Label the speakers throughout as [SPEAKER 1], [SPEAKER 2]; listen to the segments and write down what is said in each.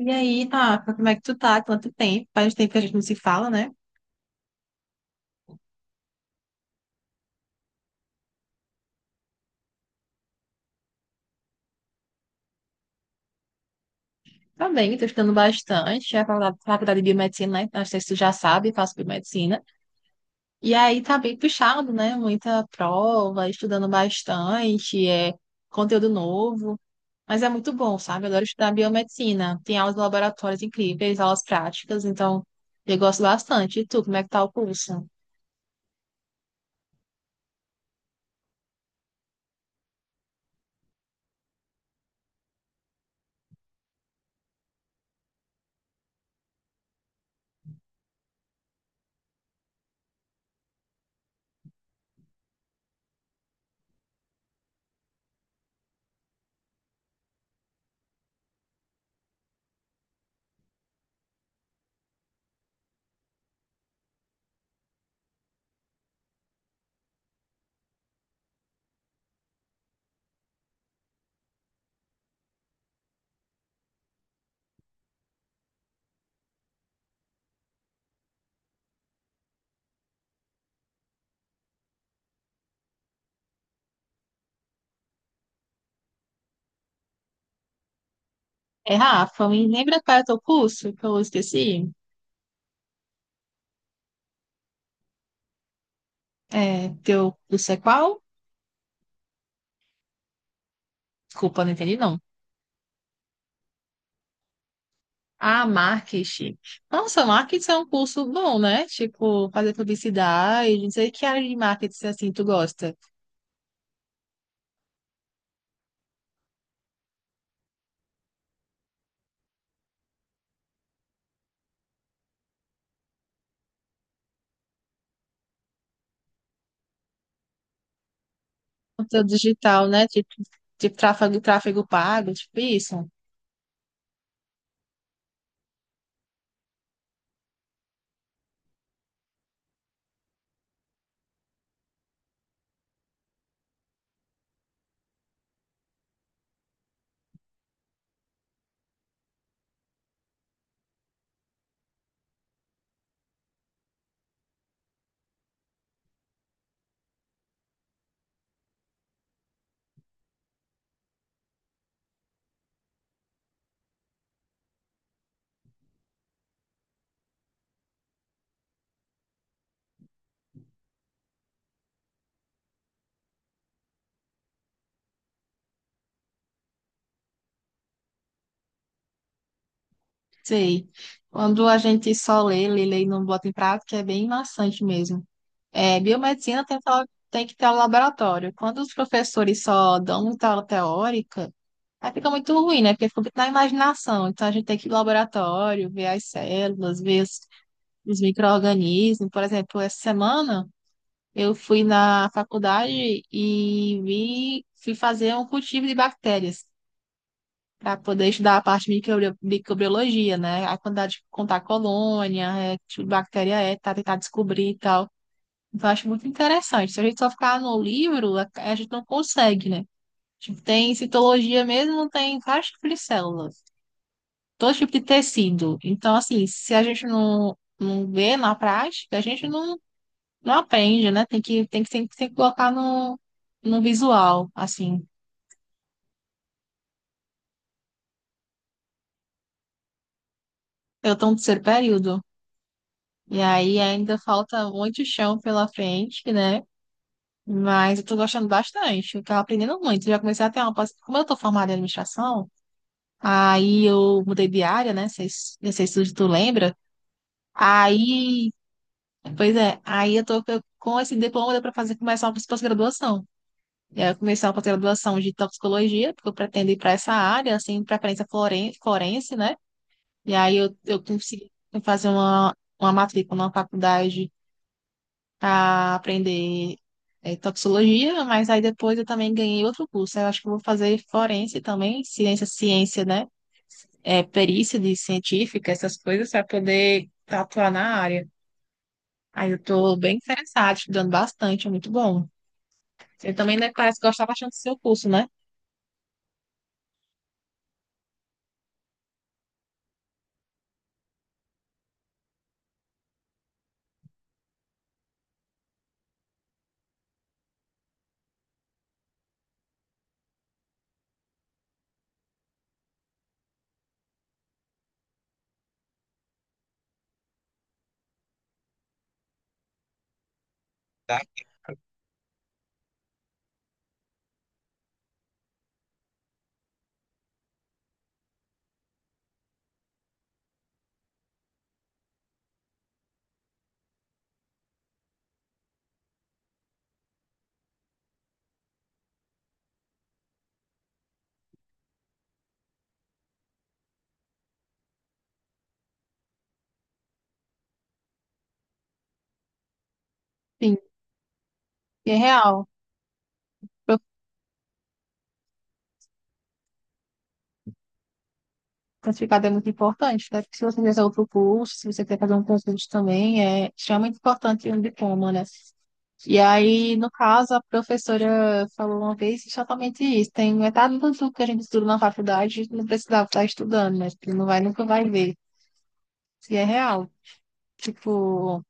[SPEAKER 1] E aí, tá, como é que tu tá? Quanto tempo? Faz tempo que a gente não se fala, né? Tá bem, tô estudando bastante. É a faculdade de biomedicina, né? Não sei se tu já sabe, faço biomedicina. E aí tá bem puxado, né? Muita prova, estudando bastante, é conteúdo novo. Mas é muito bom, sabe? Eu adoro estudar biomedicina. Tem aulas de laboratórios incríveis, aulas práticas, então eu gosto bastante. E tu, como é que tá o curso? É, Rafa, me lembra qual é o teu curso? Que eu esqueci. É, teu curso é qual? Desculpa, não entendi não. Ah, marketing. Nossa, marketing é um curso bom, né? Tipo, fazer publicidade, não sei que área de marketing assim tu gosta. Conteúdo digital, né? Tipo, tipo tráfego, tráfego pago, tipo isso. Sei. Quando a gente só lê, lê, lê e não bota em prática, é bem maçante mesmo. É, biomedicina tem, só- tem que ter o laboratório. Quando os professores só dão muita aula teórica, aí fica muito ruim, né? Porque fica muito na imaginação. Então a gente tem que ir ao laboratório, ver as células, ver os micro-organismos. Por exemplo, essa semana eu fui na faculdade e vi, fui fazer um cultivo de bactérias para poder estudar a parte de microbio- microbiologia, né? A quantidade de contar colônia, é, que tipo de bactéria é, tá, tentar descobrir e tal. Então, eu acho muito interessante. Se a gente só ficar no livro, a gente não consegue, né? Tipo, tem citologia mesmo, tem vários tipos de células, todo tipo de tecido. Então, assim, se a gente não vê na prática, a gente não não aprende, né? Tem que sempre, tem que colocar no, no visual, assim. Eu tô no terceiro período. E aí ainda falta muito chão pela frente, né? Mas eu tô gostando bastante. Eu tava aprendendo muito. Já comecei a ter uma... pos- Como eu tô formada em administração, aí eu mudei de área, né? Vocês- Não sei se tu lembra. Aí... Pois é. Aí eu tô eu- com esse diploma deu pra fazer, começar uma pós-graduação. E aí eu comecei uma pós-graduação de toxicologia, porque eu pretendo ir para essa área, assim, preferência floren- forense, né? E aí eu consegui fazer uma matrícula numa faculdade para aprender toxicologia, mas aí depois eu também ganhei outro curso. Eu acho que eu vou fazer forense também, ciência, né? É, perícia de científica, essas coisas, para poder atuar na área. Aí eu estou bem interessada, estudando bastante, é muito bom. Você também, né, parece que gostar bastante do seu curso, né? Tá? Sim, é real. Certificado é muito importante, né? Porque se você fizer outro curso, se você quer fazer um concurso também, é extremamente importante um diploma, né? E aí, no caso, a professora falou uma vez exatamente isso. Tem metade do tudo que a gente estuda na faculdade, a gente não precisava estar estudando, né? Porque não vai, nunca vai ver se é real. Tipo,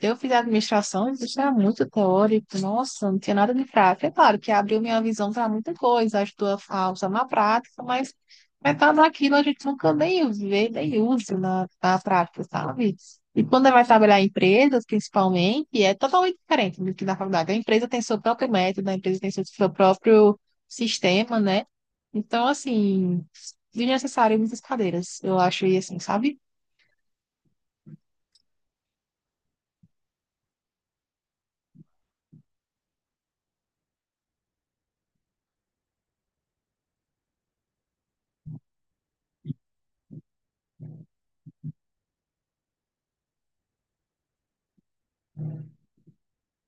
[SPEAKER 1] eu fiz administração, isso era muito teórico, nossa, não tinha nada de prática. É claro que abriu minha visão para muita coisa, ajudou a usar na prática, mas metade daquilo a gente nunca nem vê, nem usa na prática, sabe? E quando vai trabalhar em empresas, principalmente, é totalmente diferente do que na faculdade. A empresa tem seu próprio método, a empresa tem seu próprio sistema, né? Então, assim, desnecessário muitas cadeiras, eu acho, e assim, sabe?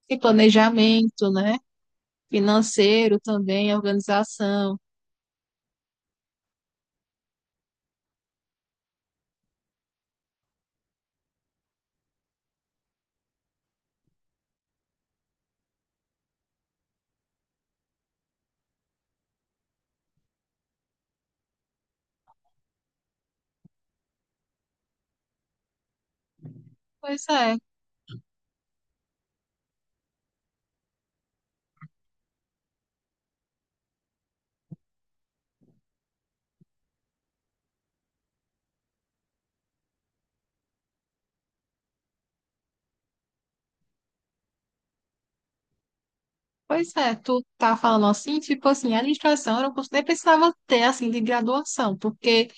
[SPEAKER 1] E planejamento, né? Financeiro também, organização. Pois é, pois é. Tu tá falando assim, tipo assim, administração era um curso que nem precisava ter, assim, de graduação, porque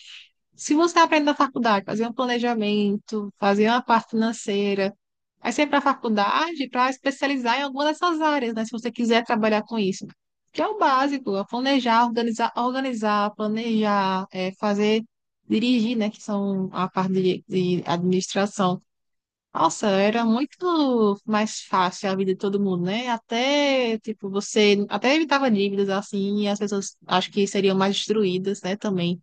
[SPEAKER 1] se você aprende na faculdade, fazer um planejamento, fazer uma parte financeira, aí você vai para a faculdade para especializar em alguma dessas áreas, né? Se você quiser trabalhar com isso. Que é o básico, é planejar, organizar, organizar, planejar, é, fazer, dirigir, né? Que são a parte de administração. Nossa, era muito mais fácil a vida de todo mundo, né? Até, tipo, você até evitava dívidas assim, e as pessoas acho que seriam mais destruídas, né, também.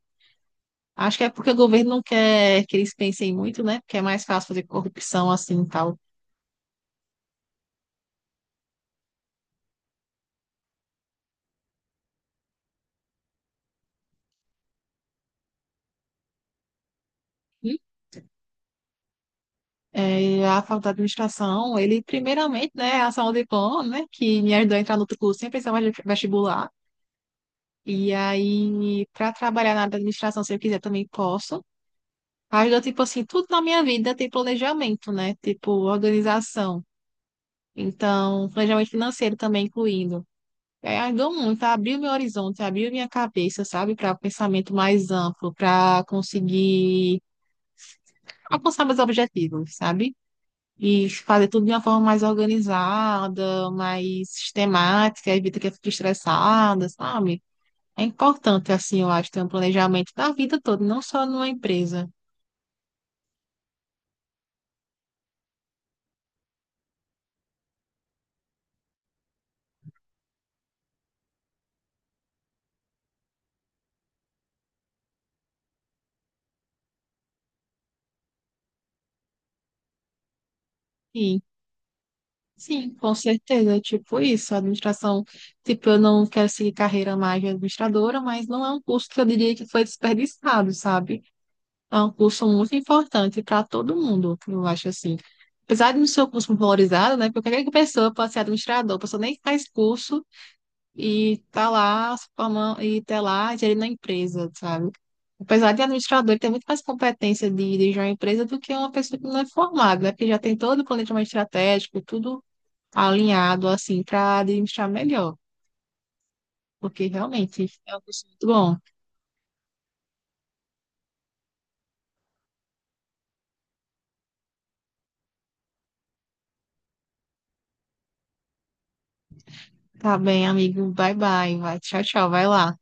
[SPEAKER 1] Acho que é porque o governo não quer que eles pensem muito, né? Porque é mais fácil fazer corrupção assim e tal. Hum? É, a faculdade de administração, ele primeiramente, né, a Saúde Plano, né, que me ajudou a entrar no outro curso sem precisar mais de vestibular. E aí, para trabalhar na área da administração, se eu quiser, também posso. Mas tipo assim, tudo na minha vida tem planejamento, né? Tipo, organização. Então, planejamento financeiro também incluindo. É, ajudou muito, abriu meu horizonte, abriu minha cabeça, sabe? Para um pensamento mais amplo, para conseguir alcançar meus objetivos, sabe? E fazer tudo de uma forma mais organizada, mais sistemática, evita que eu fique estressada, sabe? É importante, assim, eu acho, ter um planejamento da vida toda, não só numa empresa. Sim, com certeza, é tipo isso, a administração, tipo, eu não quero seguir carreira mais de administradora, mas não é um curso que eu diria que foi desperdiçado, sabe? É um curso muito importante para todo mundo, eu acho assim. Apesar de não ser um curso muito valorizado, né, porque qualquer pessoa pode ser administrador, a pessoa nem faz curso e tá lá, se forma- e tá lá gerindo a empresa, sabe? Apesar de administrador ter muito mais competência de dirigir uma empresa do que uma pessoa que não é formada, né? Porque já tem todo o planejamento estratégico, tudo alinhado assim para administrar melhor, porque realmente é um curso muito bom. Tá bem, amigo. Bye bye. Vai, tchau, tchau. Vai lá.